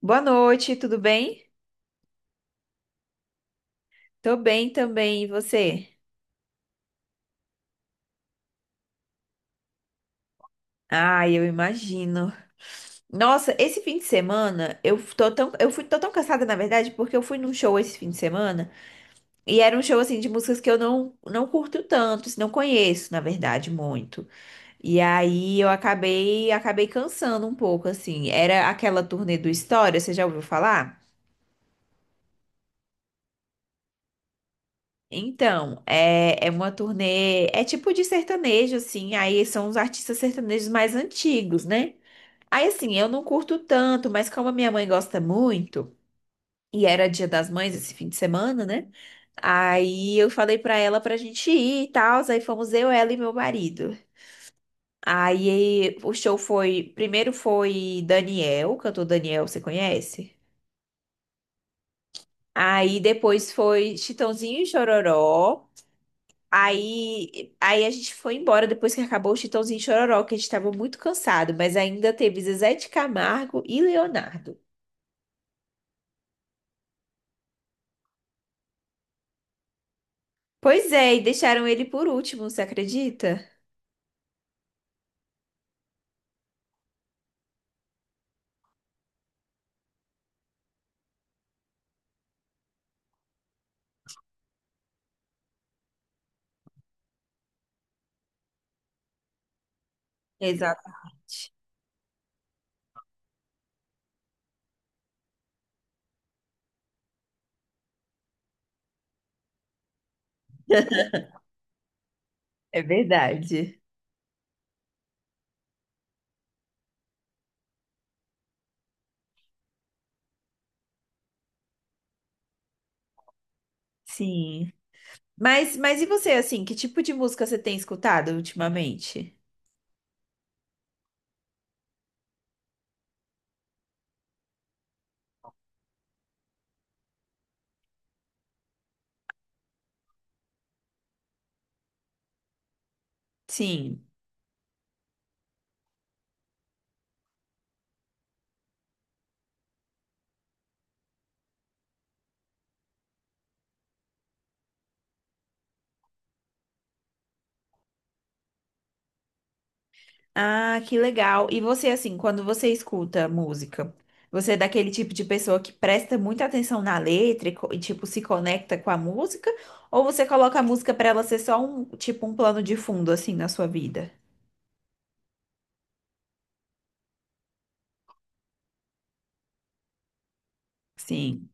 Boa noite, tudo bem? Tô bem também, e você? Ah, eu imagino. Nossa, esse fim de semana eu tô tão, eu fui, tô tão cansada, na verdade, porque eu fui num show esse fim de semana e era um show assim de músicas que eu não curto tanto, assim, não conheço, na verdade, muito. E aí eu acabei cansando um pouco, assim. Era aquela turnê do História, você já ouviu falar? Então, é uma turnê, é tipo de sertanejo, assim, aí são os artistas sertanejos mais antigos, né? Aí, assim, eu não curto tanto, mas como a minha mãe gosta muito, e era Dia das Mães esse fim de semana, né? Aí eu falei pra ela pra gente ir e tal, aí fomos eu, ela e meu marido. Aí o show foi, primeiro foi Daniel, cantor Daniel, você conhece? Aí depois foi Chitãozinho e Chororó. Aí a gente foi embora depois que acabou o Chitãozinho e Chororó, que a gente estava muito cansado, mas ainda teve Zezé de Camargo e Leonardo. Pois é, e deixaram ele por último, você acredita? Exato. É verdade. Sim. Mas e você, assim, que tipo de música você tem escutado ultimamente? Sim. Ah, que legal. E você, assim, quando você escuta música, você é daquele tipo de pessoa que presta muita atenção na letra e, e, tipo, se conecta com a música? Ou você coloca a música pra ela ser só um, tipo, um plano de fundo, assim, na sua vida? Sim,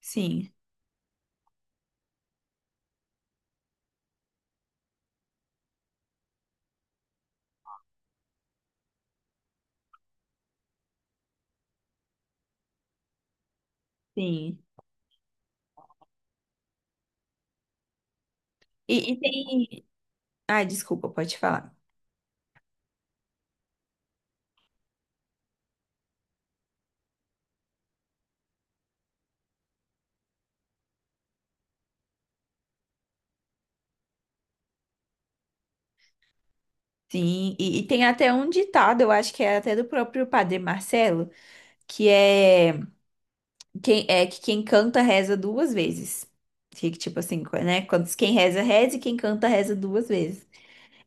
sim, sim. E tem. Ai, desculpa, pode falar. Sim, e tem até um ditado, eu acho que é até do próprio Padre Marcelo, que é. É que quem canta reza duas vezes. Fica tipo assim, né? Quando diz quem reza, reza e quem canta reza duas vezes.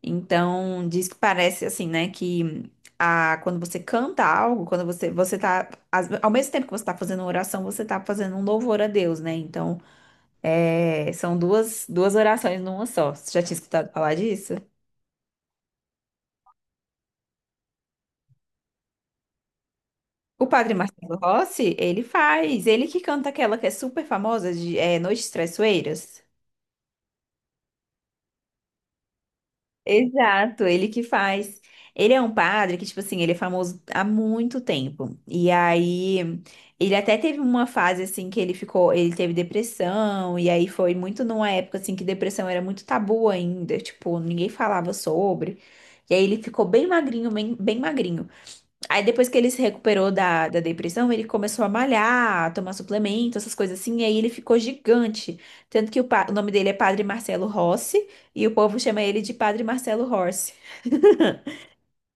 Então, diz que parece assim, né? Que quando você canta algo, quando você, você tá. Ao mesmo tempo que você tá fazendo uma oração, você tá fazendo um louvor a Deus, né? Então, é, são duas orações numa só. Você já tinha escutado falar disso? O padre Marcelo Rossi, ele faz. Ele que canta aquela que é super famosa de é, Noites Traiçoeiras. Exato, ele que faz. Ele é um padre que, tipo assim, ele é famoso há muito tempo. E aí, ele até teve uma fase, assim, que ele ficou, ele teve depressão, e aí foi muito numa época, assim, que depressão era muito tabu ainda, tipo, ninguém falava sobre. E aí ele ficou bem magrinho, bem magrinho. Aí depois que ele se recuperou da depressão, ele começou a malhar, a tomar suplemento, essas coisas assim, e aí ele ficou gigante. Tanto que o, o nome dele é Padre Marcelo Rossi, e o povo chama ele de Padre Marcelo Rossi.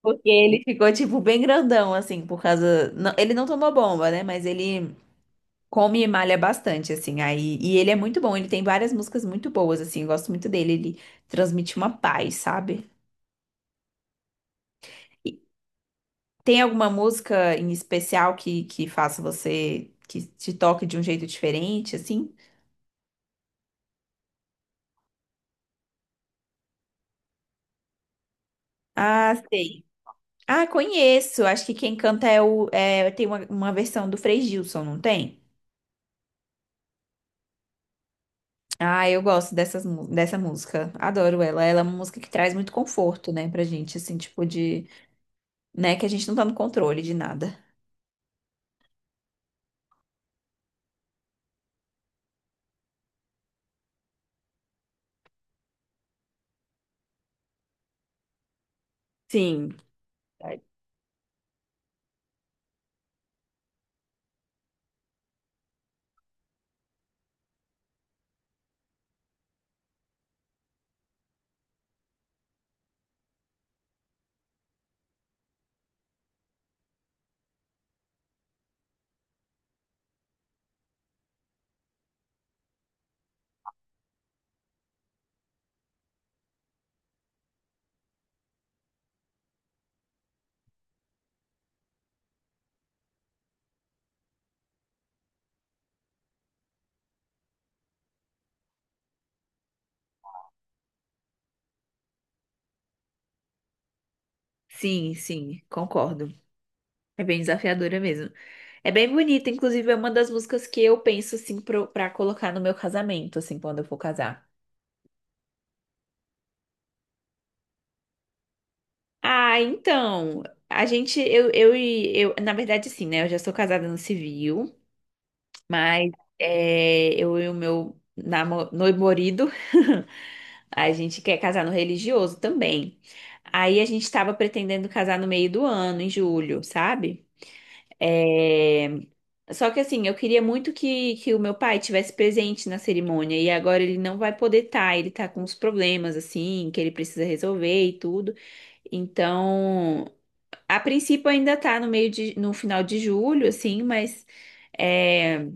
Porque ele ficou, tipo, bem grandão, assim, por causa. Ele não tomou bomba, né? Mas ele come e malha bastante, assim. Aí, e ele é muito bom, ele tem várias músicas muito boas, assim. Eu gosto muito dele, ele transmite uma paz, sabe? Tem alguma música em especial que faça você, que te toque de um jeito diferente, assim? Ah, sei. Ah, conheço. Acho que quem canta é o. É, tem uma versão do Frei Gilson, não tem? Ah, eu gosto dessas, dessa música. Adoro ela. Ela é uma música que traz muito conforto, né, pra gente, assim, tipo de, né, que a gente não tá no controle de nada. Sim. Sim, sim, concordo. É bem desafiadora mesmo. É bem bonita, inclusive é uma das músicas que eu penso assim pro, pra colocar no meu casamento, assim, quando eu for casar. Ah, então, a gente, eu, na verdade, sim, né? Eu já sou casada no civil, mas é, eu e o meu namorado, a gente quer casar no religioso também. Aí a gente tava pretendendo casar no meio do ano, em julho, sabe? É, só que assim, eu queria muito que o meu pai tivesse presente na cerimônia e agora ele não vai poder estar, ele tá com uns problemas assim, que ele precisa resolver e tudo. Então, a princípio ainda tá no meio de, no final de julho, assim, mas é,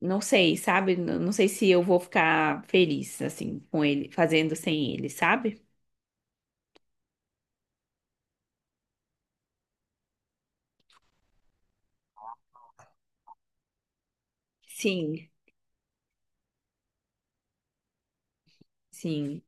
não sei, sabe? Não sei se eu vou ficar feliz assim com ele, fazendo sem ele, sabe? Sim, sim.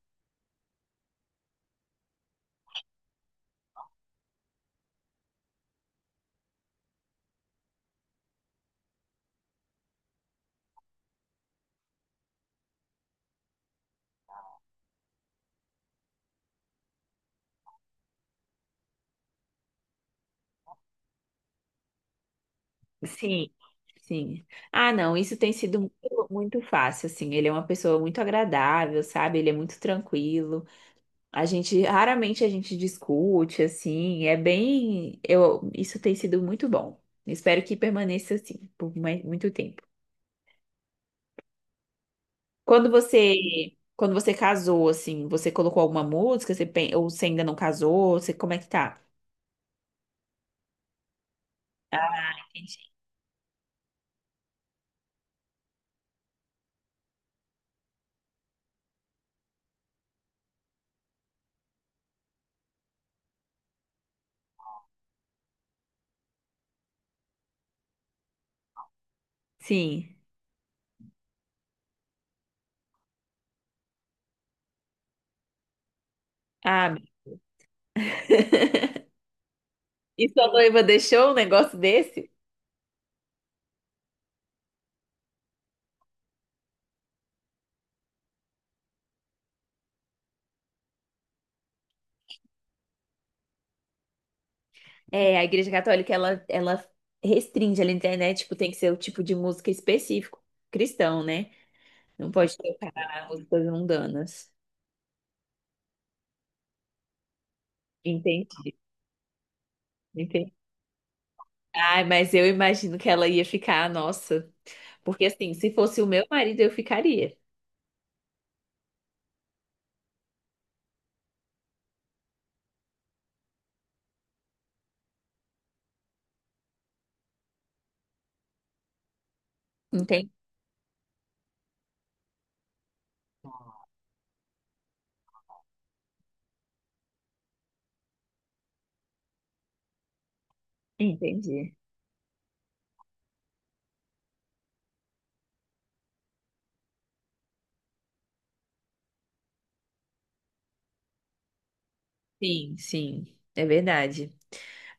Sim, sim. Ah, não, isso tem sido muito, muito fácil, assim. Ele é uma pessoa muito agradável, sabe? Ele é muito tranquilo. A gente, raramente a gente discute, assim. É bem, eu, isso tem sido muito bom. Espero que permaneça assim por mais, muito tempo. Quando você casou, assim, você colocou alguma música? Você, ou você ainda não casou? Você, como é que tá? Ah, entendi. Sim. Ah, e sua noiva deixou um negócio desse? É, a Igreja Católica, ela restringe ali na internet, tipo, tem que ser o tipo de música específico, cristão, né? Não pode tocar músicas mundanas. Entendi, entendi. Ai, mas eu imagino que ela ia ficar, nossa. Porque assim, se fosse o meu marido, eu ficaria. Entendi. Entendi. Sim, sim, é verdade.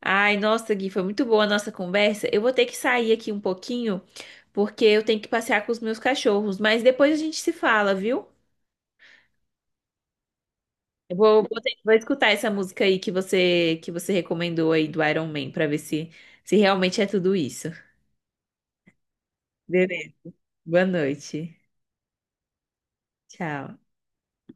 Ai, nossa, Gui, foi muito boa a nossa conversa. Eu vou ter que sair aqui um pouquinho, porque eu tenho que passear com os meus cachorros, mas depois a gente se fala, viu? Eu vou escutar essa música aí que você recomendou aí do Iron Man pra ver se se realmente é tudo isso. Beleza. Boa noite. Tchau.